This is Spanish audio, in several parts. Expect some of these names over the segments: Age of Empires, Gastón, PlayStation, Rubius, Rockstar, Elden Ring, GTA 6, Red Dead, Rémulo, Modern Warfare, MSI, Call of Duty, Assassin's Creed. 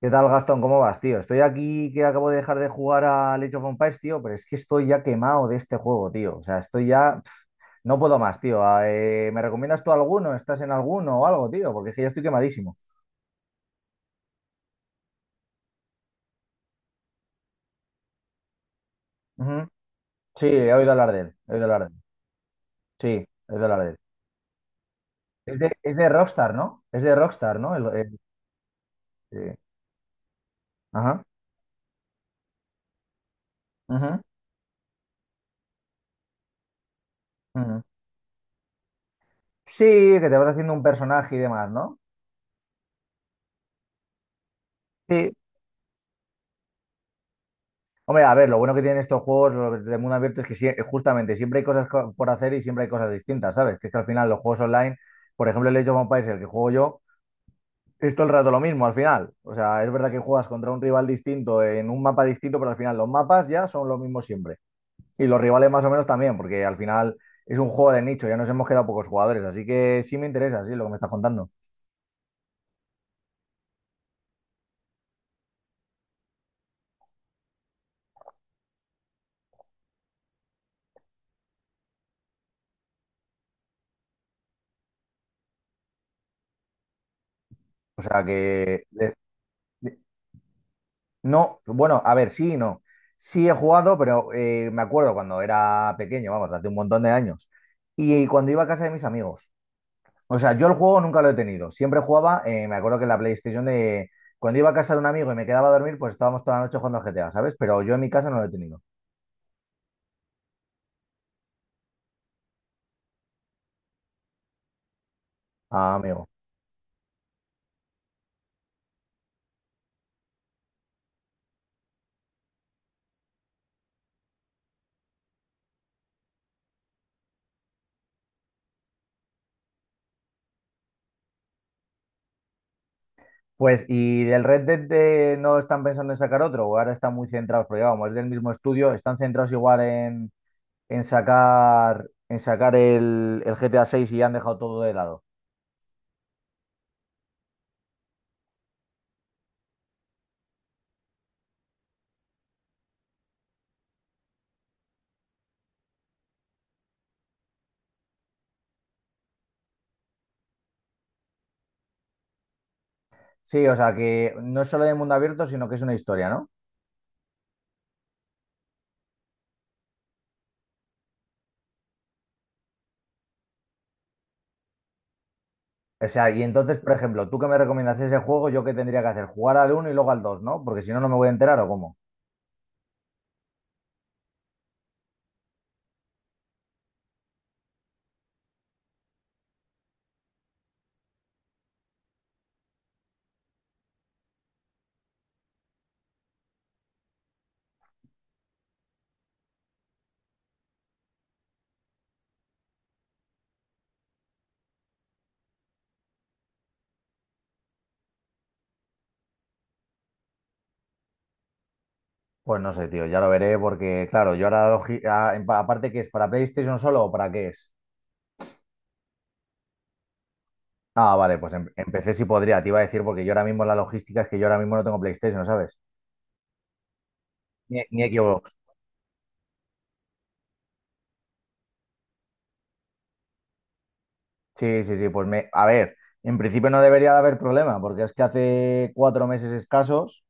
¿Qué tal, Gastón? ¿Cómo vas, tío? Estoy aquí que acabo de dejar de jugar a Age of Empires, tío, pero es que estoy ya quemado de este juego, tío. O sea, estoy ya, pf, no puedo más, tío. ¿Me recomiendas tú alguno? ¿Estás en alguno o algo, tío? Porque es que ya estoy quemadísimo. Ujú. Sí, he oído hablar de él. He oído hablar de él. Sí, he oído hablar de él. Es de Rockstar, ¿no? Es de Rockstar, ¿no? Eh, Ajá. Ujú, ujú. Sí, que te vas haciendo un personaje y demás, ¿no? Sí. Hombre, a ver, lo bueno que tienen estos juegos los de mundo abierto es que justamente siempre hay por hacer y siempre hay cosas distintas, ¿sabes? Que es que al final los juegos online, por ejemplo, el Age of Empires, el que juego yo, es todo el rato lo mismo al final. O sea, es verdad que juegas contra un rival distinto en un mapa distinto, pero al final los mapas ya son los mismos siempre. Y los rivales más o menos también, porque al final es un juego de nicho, ya nos hemos quedado pocos jugadores, así que sí me interesa, sí, lo que me estás contando. O sea que, no, bueno, a ver, sí y no. Sí he jugado, pero me acuerdo cuando era pequeño, vamos, hace un montón de años. Y cuando iba a casa de mis amigos. O sea, yo el juego nunca lo he tenido. Siempre jugaba, me acuerdo que en la PlayStation de, cuando iba a casa de un amigo y me quedaba a dormir, pues estábamos toda la noche jugando al GTA, ¿sabes? Pero yo en mi casa no lo he tenido. Ah, amigo. Pues, ¿y del Red Dead no están pensando en sacar otro? ¿O ahora están muy centrados? Porque vamos, es del mismo estudio, están centrados igual en sacar el GTA 6 y ya han dejado todo de lado. Sí, o sea, que no es solo de mundo abierto, sino que es una historia, ¿no? O sea, y entonces, por ejemplo, tú que me recomiendas ese juego, yo qué tendría que hacer, jugar al uno y luego al 2, ¿no? Porque si no, no me voy a enterar o cómo. Pues no sé, tío, ya lo veré porque, claro, yo ahora, aparte que es para PlayStation solo o para qué es. Ah, vale, pues empecé si podría, te iba a decir, porque yo ahora mismo la logística es que yo ahora mismo no tengo PlayStation, ¿sabes? Ni equivoco. Sí, sí, sí, pues me, a ver, en principio no debería de haber problema, porque es que hace 4 meses escasos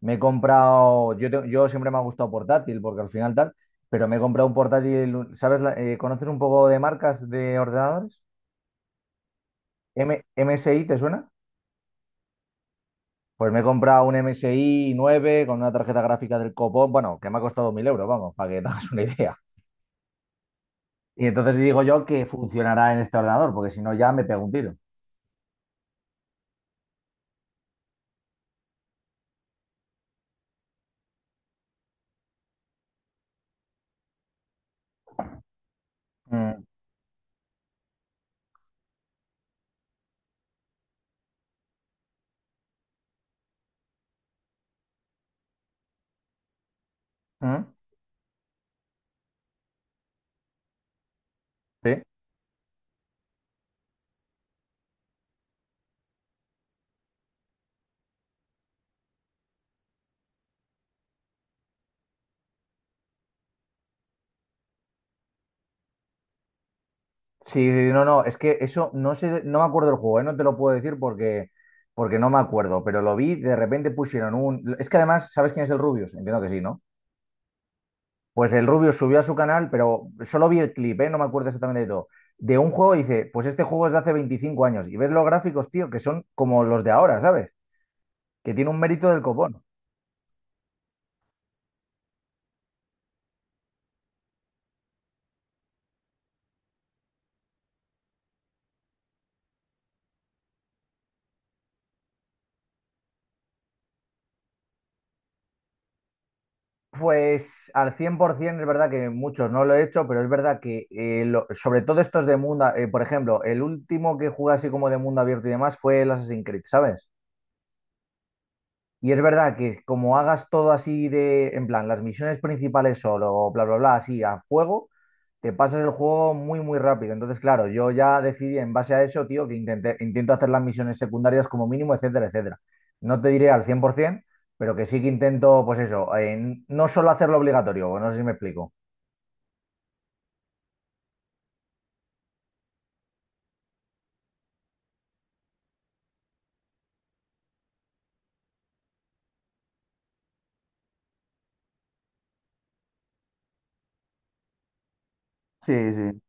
me he comprado, yo, yo siempre me ha gustado portátil, porque al final tal, pero me he comprado un portátil, ¿sabes? ¿Conoces un poco de marcas de ordenadores? MSI, ¿te suena? Pues me he comprado un MSI 9 con una tarjeta gráfica del copón, bueno, que me ha costado 1000 euros, vamos, para que te hagas una idea. Y entonces digo yo que funcionará en este ordenador, porque si no ya me pego un tiro. Mm, mm, sí. Sí, sí, sí, no, no, es que eso no sé, no me acuerdo del juego, ¿eh? No te lo puedo decir porque, porque no me acuerdo, pero lo vi, de repente pusieron un, es que además, ¿sabes quién es el Rubius? Entiendo que sí, ¿no? Pues el Rubius subió a su canal, pero solo vi el clip, ¿eh? No me acuerdo exactamente de todo. De un juego y dice, pues este juego es de hace 25 años y ves los gráficos, tío, que son como los de ahora, ¿sabes? Que tiene un mérito del copón. Pues al 100% es verdad que muchos no lo he hecho, pero es verdad que sobre todo estos de mundo, por ejemplo, el último que jugué así como de mundo abierto y demás fue el Assassin's Creed, ¿sabes? Y es verdad que como hagas todo así de, en plan, las misiones principales solo, bla, bla, bla, así a fuego, te pasas el juego muy rápido. Entonces, claro, yo ya decidí en base a eso, tío, que intento hacer las misiones secundarias como mínimo, etcétera, etcétera. No te diré al 100%, pero que sí que intento, pues eso, no solo hacerlo obligatorio, no sé si me explico. Sí, sí.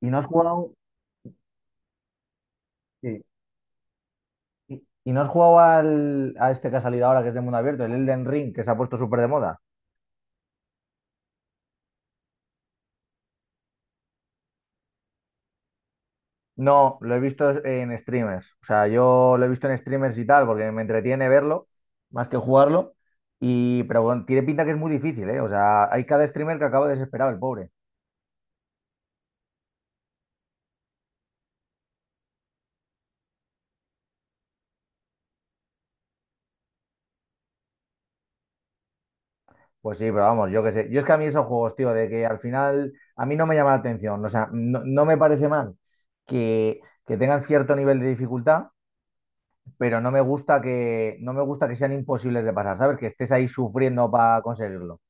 ¿Y no has jugado? Sí. ¿Y no has jugado a este que ha salido ahora, que es de mundo abierto, el Elden Ring, que se ha puesto súper de moda? No, lo he visto en streamers. O sea, yo lo he visto en streamers y tal, porque me entretiene verlo más que jugarlo. Y, pero bueno, tiene pinta que es muy difícil, ¿eh? O sea, hay cada streamer que acaba desesperado, el pobre. Pues sí, pero vamos, yo qué sé. Yo es que a mí esos juegos, tío, de que al final a mí no me llama la atención. O sea, no me parece mal que, que tengan cierto nivel de dificultad, pero no me gusta que, no me gusta que sean imposibles de pasar, ¿sabes? Que estés ahí sufriendo para conseguirlo.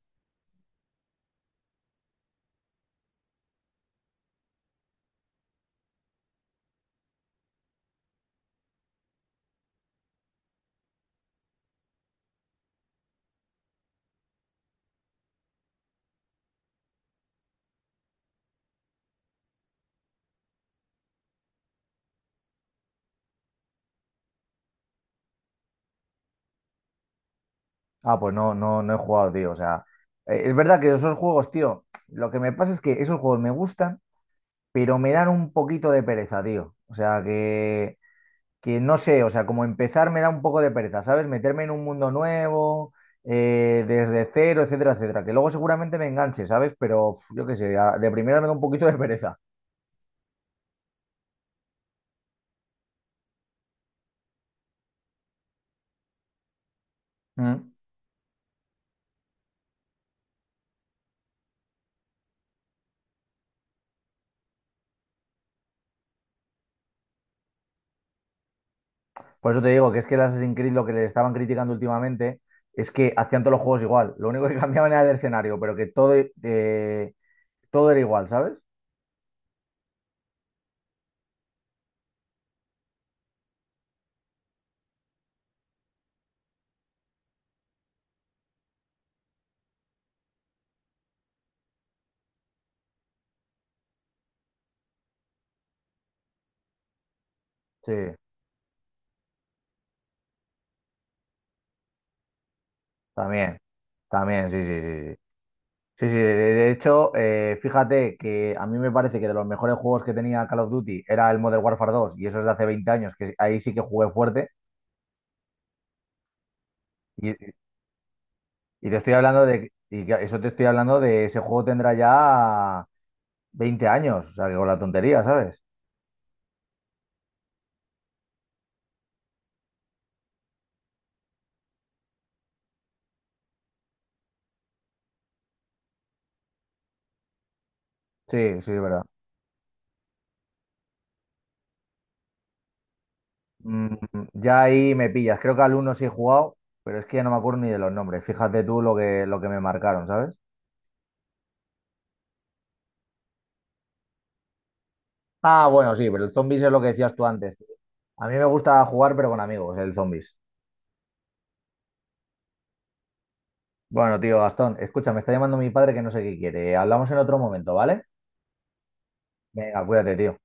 Ah, pues no, no, no he jugado, tío. O sea, es verdad que esos juegos, tío, lo que me pasa es que esos juegos me gustan, pero me dan un poquito de pereza, tío. O sea, que no sé, o sea, como empezar me da un poco de pereza, ¿sabes? Meterme en un mundo nuevo, desde cero, etcétera, etcétera. Que luego seguramente me enganche, ¿sabes? Pero pf, yo qué sé, de primera me da un poquito de pereza. Mm. Por eso te digo que es que el Assassin's Creed lo que le estaban criticando últimamente es que hacían todos los juegos igual. Lo único que cambiaban era el escenario, pero que todo, todo era igual, ¿sabes? Sí, también, también, sí, sí, sí, sí. Sí, sí, de hecho, fíjate que a mí me parece que de los mejores juegos que tenía Call of Duty era el Modern Warfare dos y eso es de hace 20 años, que ahí sí que jugué fuerte, y, y te estoy hablando de, y que eso te estoy hablando de ese juego tendrá ya 20 años, o sea, que con la tontería, ¿sabes? Sí, sí, es verdad. Mm, ya ahí me pillas, creo que al uno sí he jugado, pero es que ya no me acuerdo ni de los nombres, fíjate tú lo que me marcaron, ¿sabes? Ah, bueno, sí, pero el zombies es lo que decías tú antes, tío. A mí me gusta jugar, pero con amigos, el zombies. Bueno, tío, Gastón, escucha, me está llamando mi padre que no sé qué quiere. Hablamos en otro momento, ¿vale? Venga, cuídate, tío.